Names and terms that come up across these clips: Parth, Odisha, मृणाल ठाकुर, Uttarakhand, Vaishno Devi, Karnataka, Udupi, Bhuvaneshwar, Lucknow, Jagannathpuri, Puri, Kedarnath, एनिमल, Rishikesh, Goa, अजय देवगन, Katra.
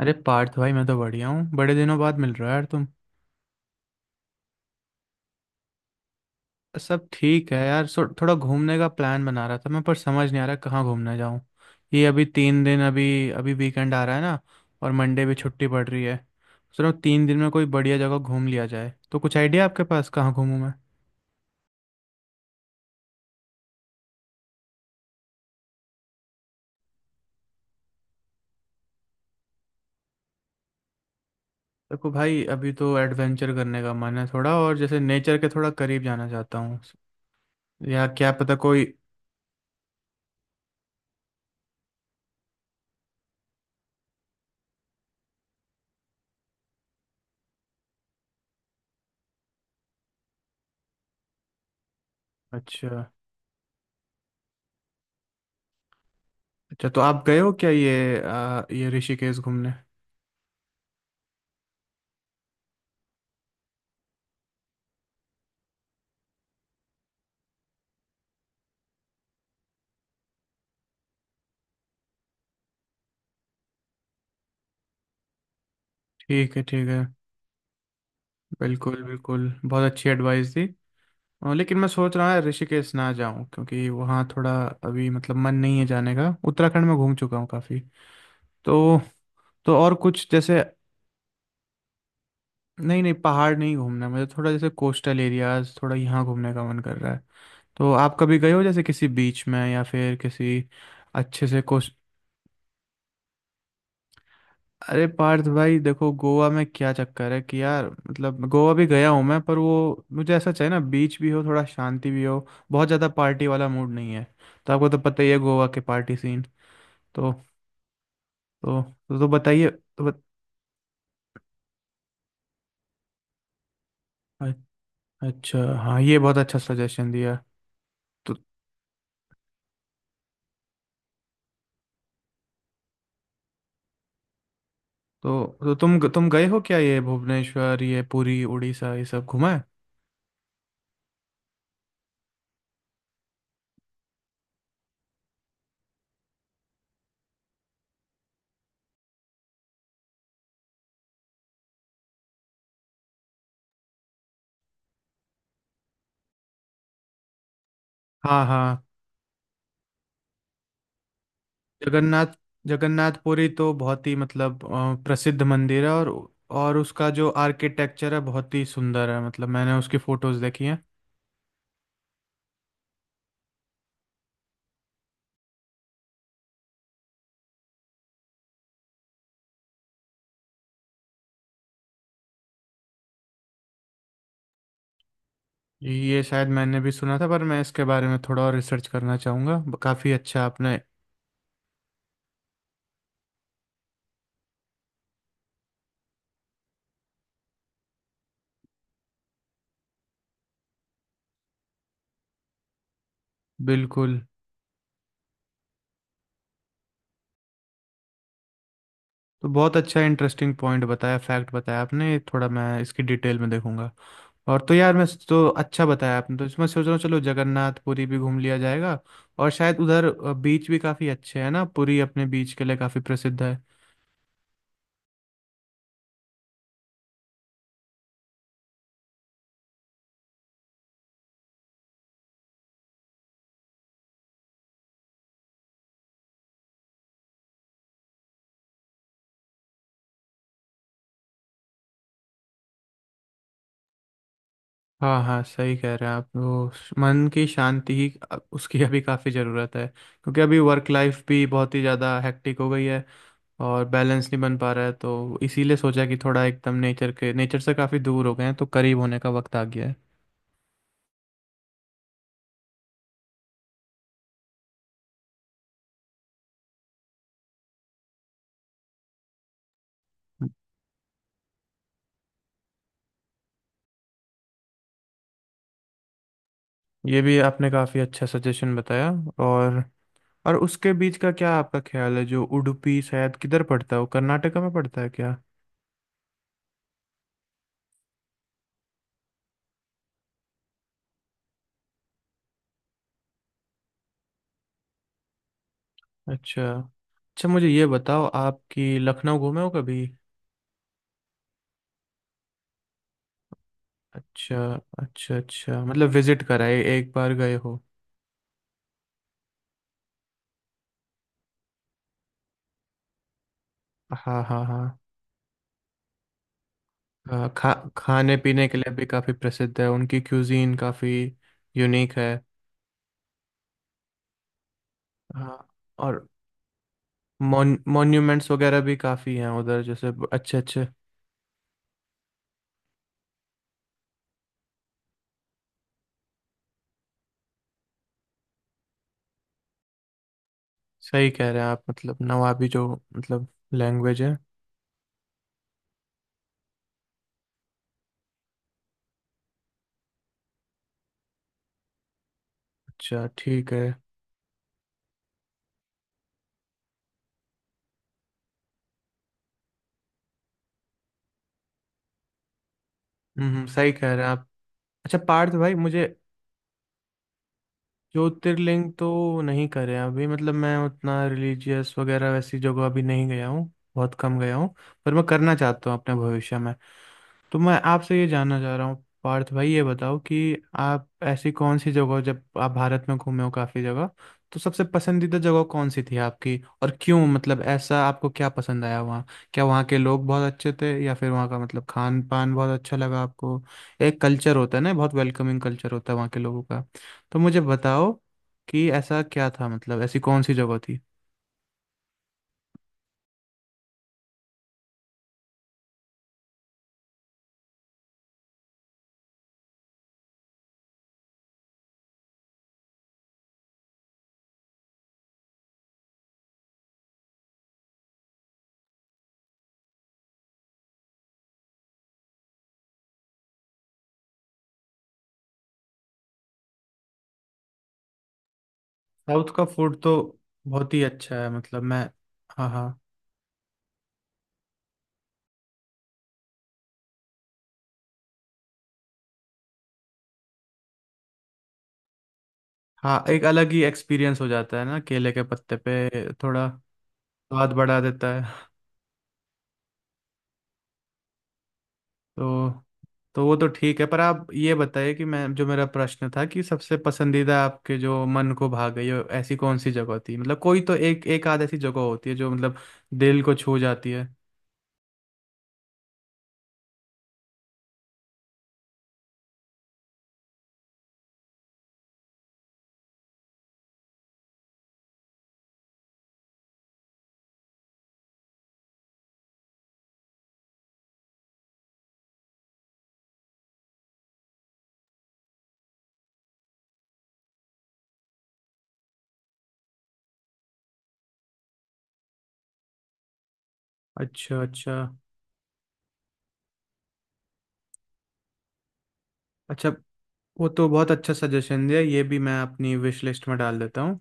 अरे पार्थ भाई, मैं तो बढ़िया हूँ। बड़े दिनों बाद मिल रहा है यार तुम। सब ठीक है यार। सो थोड़ा घूमने का प्लान बना रहा था मैं, पर समझ नहीं आ रहा कहाँ घूमने जाऊँ। ये अभी 3 दिन अभी अभी वीकेंड आ रहा है ना, और मंडे भी छुट्टी पड़ रही है। चलो 3 दिन में कोई बढ़िया जगह घूम लिया जाए, तो कुछ आइडिया आपके पास कहाँ घूमूं मैं। देखो भाई, अभी तो एडवेंचर करने का मन है थोड़ा, और जैसे नेचर के थोड़ा करीब जाना चाहता हूँ। या क्या पता कोई। अच्छा। अच्छा, तो आप गए हो क्या ये ये ऋषिकेश घूमने। ठीक है, ठीक है। बिल्कुल बिल्कुल, बहुत अच्छी एडवाइस दी। लेकिन मैं सोच रहा है ऋषिकेश ना जाऊं क्योंकि वहाँ थोड़ा अभी मतलब मन नहीं है जाने का। उत्तराखंड में घूम चुका हूँ काफ़ी, तो। और कुछ जैसे, नहीं नहीं, पहाड़ नहीं घूमना मुझे। थोड़ा जैसे कोस्टल एरियाज थोड़ा यहाँ घूमने का मन कर रहा है। तो आप कभी गए हो जैसे किसी बीच में या फिर किसी। अच्छे से। अरे पार्थ भाई, देखो गोवा में क्या चक्कर है कि यार मतलब गोवा भी गया हूँ मैं, पर वो मुझे ऐसा चाहिए ना, बीच भी हो, थोड़ा शांति भी हो। बहुत ज़्यादा पार्टी वाला मूड नहीं है। तो आपको तो पता ही है गोवा के पार्टी सीन। तो तो तो, तो बताइए तो बत, अ- अच्छा हाँ, ये बहुत अच्छा सजेशन दिया। तो तुम गए हो क्या ये भुवनेश्वर, ये पुरी, उड़ीसा ये सब घुमा है। हाँ हाँ। जगन्नाथ। जगन्नाथपुरी तो बहुत ही मतलब प्रसिद्ध मंदिर है। और उसका जो आर्किटेक्चर है बहुत ही सुंदर है, मतलब मैंने उसकी फोटोज देखी हैं। ये शायद मैंने भी सुना था, पर मैं इसके बारे में थोड़ा और रिसर्च करना चाहूँगा। काफ़ी अच्छा आपने। बिल्कुल। तो बहुत अच्छा इंटरेस्टिंग पॉइंट बताया, फैक्ट बताया आपने। ये थोड़ा मैं इसकी डिटेल में देखूंगा। और तो यार मैं तो, अच्छा बताया आपने, तो इसमें सोच रहा हूँ चलो जगन्नाथपुरी भी घूम लिया जाएगा। और शायद उधर बीच भी काफ़ी अच्छे हैं ना, पुरी अपने बीच के लिए काफ़ी प्रसिद्ध है। हाँ हाँ, सही कह रहे हैं आप। वो मन की शांति ही उसकी अभी काफ़ी ज़रूरत है, क्योंकि अभी वर्क लाइफ भी बहुत ही ज़्यादा हेक्टिक हो गई है। और बैलेंस नहीं बन पा रहा है, तो इसीलिए सोचा कि थोड़ा एकदम नेचर के, नेचर से काफ़ी दूर हो गए हैं तो करीब होने का वक्त आ गया है। ये भी आपने काफ़ी अच्छा सजेशन बताया। और और उसके बीच का क्या आपका ख्याल है, जो उडुपी शायद किधर पड़ता है, वो कर्नाटका में पड़ता है क्या। अच्छा अच्छा, मुझे ये बताओ आपकी लखनऊ घूमे हो कभी। अच्छा। अच्छा अच्छा, मतलब विजिट कराए एक बार गए हो। हाँ हाँ हाँ। अ, खा खाने पीने के लिए भी काफ़ी प्रसिद्ध है। उनकी क्यूजीन काफ़ी यूनिक है। हाँ। और मॉन्यूमेंट्स वगैरह भी काफ़ी हैं उधर जैसे अच्छे अच्छे। सही कह रहे हैं आप, मतलब नवाबी जो मतलब लैंग्वेज है। अच्छा, ठीक है। सही कह रहे हैं आप। अच्छा पार्थ भाई, मुझे ज्योतिर्लिंग तो नहीं करे अभी, मतलब मैं उतना रिलीजियस वगैरह वैसी जगह अभी नहीं गया हूँ। बहुत कम गया हूँ। पर मैं करना चाहता हूँ अपने भविष्य में। तो मैं आपसे ये जानना चाह रहा हूँ पार्थ भाई, ये बताओ कि आप ऐसी कौन सी जगह, जब आप भारत में घूमे हो काफ़ी जगह, तो सबसे पसंदीदा जगह कौन सी थी आपकी और क्यों, मतलब ऐसा आपको क्या पसंद आया वहाँ। क्या वहाँ के लोग बहुत अच्छे थे, या फिर वहाँ का मतलब खान पान बहुत अच्छा लगा आपको। एक कल्चर होता है ना, बहुत वेलकमिंग कल्चर होता है वहाँ के लोगों का। तो मुझे बताओ कि ऐसा क्या था, मतलब ऐसी कौन सी जगह थी। साउथ का फूड तो बहुत ही अच्छा है, मतलब मैं। हाँ हाँ हाँ। एक अलग ही एक्सपीरियंस हो जाता है ना केले के पत्ते पे थोड़ा। स्वाद बढ़ा देता है। तो वो तो ठीक है, पर आप ये बताइए कि, मैं जो मेरा प्रश्न था कि सबसे पसंदीदा आपके जो मन को भा गई हो ऐसी कौन सी जगह थी, मतलब कोई तो एक, एक आध ऐसी जगह होती है जो मतलब दिल को छू जाती है। अच्छा। अच्छा अच्छा। वो तो बहुत अच्छा सजेशन दिया, ये भी मैं अपनी विश लिस्ट में डाल देता हूँ।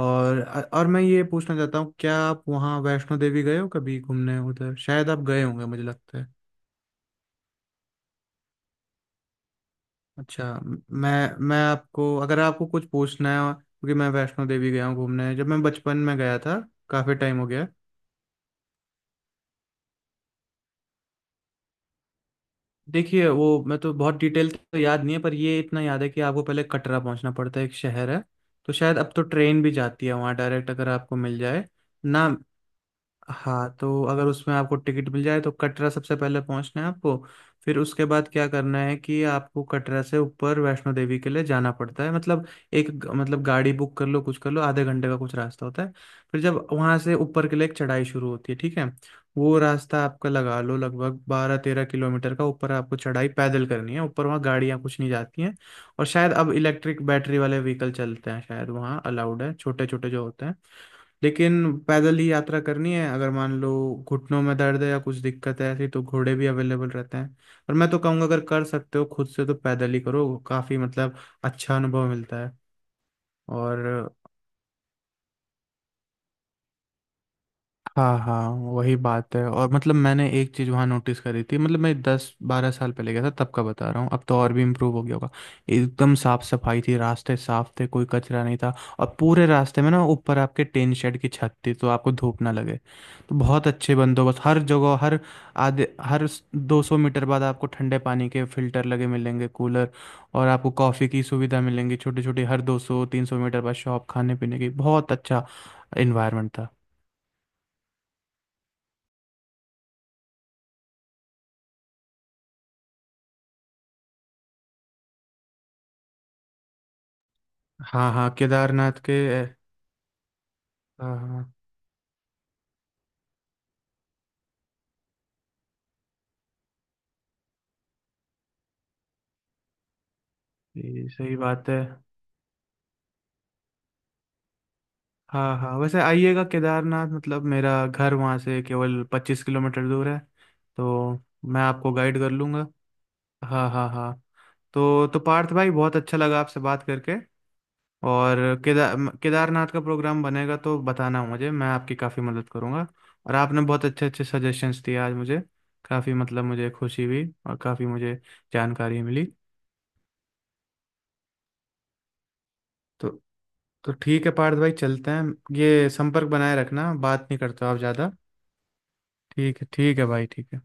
और और मैं ये पूछना चाहता हूँ, क्या आप वहाँ वैष्णो देवी गए हो कभी घूमने, उधर शायद आप गए होंगे मुझे लगता है। अच्छा। मैं आपको, अगर आपको कुछ पूछना है, क्योंकि मैं वैष्णो देवी गया हूँ घूमने, जब मैं बचपन में गया था। काफ़ी टाइम हो गया। देखिए वो मैं तो बहुत डिटेल तो याद नहीं है, पर ये इतना याद है कि आपको पहले कटरा पहुंचना पड़ता है, एक शहर है। तो शायद अब तो ट्रेन भी जाती है वहाँ डायरेक्ट, अगर आपको मिल जाए ना। हाँ, तो अगर उसमें आपको टिकट मिल जाए तो कटरा सबसे पहले पहुंचना है आपको। फिर उसके बाद क्या करना है कि आपको कटरा से ऊपर वैष्णो देवी के लिए जाना पड़ता है, मतलब मतलब गाड़ी बुक कर लो, कुछ कर लो, आधे घंटे का कुछ रास्ता होता है। फिर जब वहां से ऊपर के लिए एक चढ़ाई शुरू होती है, ठीक है। वो रास्ता आपका लगा लो लगभग 12-13 किलोमीटर का, ऊपर आपको चढ़ाई पैदल करनी है। ऊपर वहाँ गाड़ियाँ कुछ नहीं जाती हैं। और शायद अब इलेक्ट्रिक बैटरी वाले व्हीकल चलते हैं शायद वहाँ, अलाउड है छोटे छोटे जो होते हैं। लेकिन पैदल ही यात्रा करनी है। अगर मान लो घुटनों में दर्द है या कुछ दिक्कत है ऐसी, तो घोड़े भी अवेलेबल रहते हैं। और मैं तो कहूँगा अगर कर सकते हो खुद से तो पैदल ही करो, काफ़ी मतलब अच्छा अनुभव मिलता है। और हाँ हाँ, वही बात है। और मतलब मैंने एक चीज़ वहाँ नोटिस करी थी, मतलब मैं 10-12 साल पहले गया था तब का बता रहा हूँ, अब तो और भी इम्प्रूव हो गया होगा। एकदम साफ सफाई थी, रास्ते साफ थे, कोई कचरा नहीं था। और पूरे रास्ते में ना ऊपर आपके टेन शेड की छत थी तो आपको धूप ना लगे। तो बहुत अच्छे बंदोबस्त हर जगह। हर 200 मीटर बाद आपको ठंडे पानी के फिल्टर लगे मिलेंगे, कूलर। और आपको कॉफ़ी की सुविधा मिलेंगी छोटी छोटी, हर 200-300 मीटर बाद शॉप खाने पीने की। बहुत अच्छा इन्वायरमेंट था। हाँ हाँ, केदारनाथ के। हाँ हाँ, ये सही बात है। हाँ हाँ, वैसे आइएगा केदारनाथ, मतलब मेरा घर वहाँ से केवल 25 किलोमीटर दूर है, तो मैं आपको गाइड कर लूँगा। हाँ हाँ हाँ। तो पार्थ भाई, बहुत अच्छा लगा आपसे बात करके। और केदार केदारनाथ का प्रोग्राम बनेगा तो बताना मुझे, मैं आपकी काफ़ी मदद करूँगा। और आपने बहुत अच्छे अच्छे सजेशंस दिए आज मुझे, काफ़ी मतलब मुझे खुशी हुई और काफ़ी मुझे जानकारी मिली। तो तो ठीक है पार्थ भाई, चलते हैं। ये संपर्क बनाए रखना, बात नहीं करते हो आप ज़्यादा। ठीक है, ठीक है भाई, ठीक है।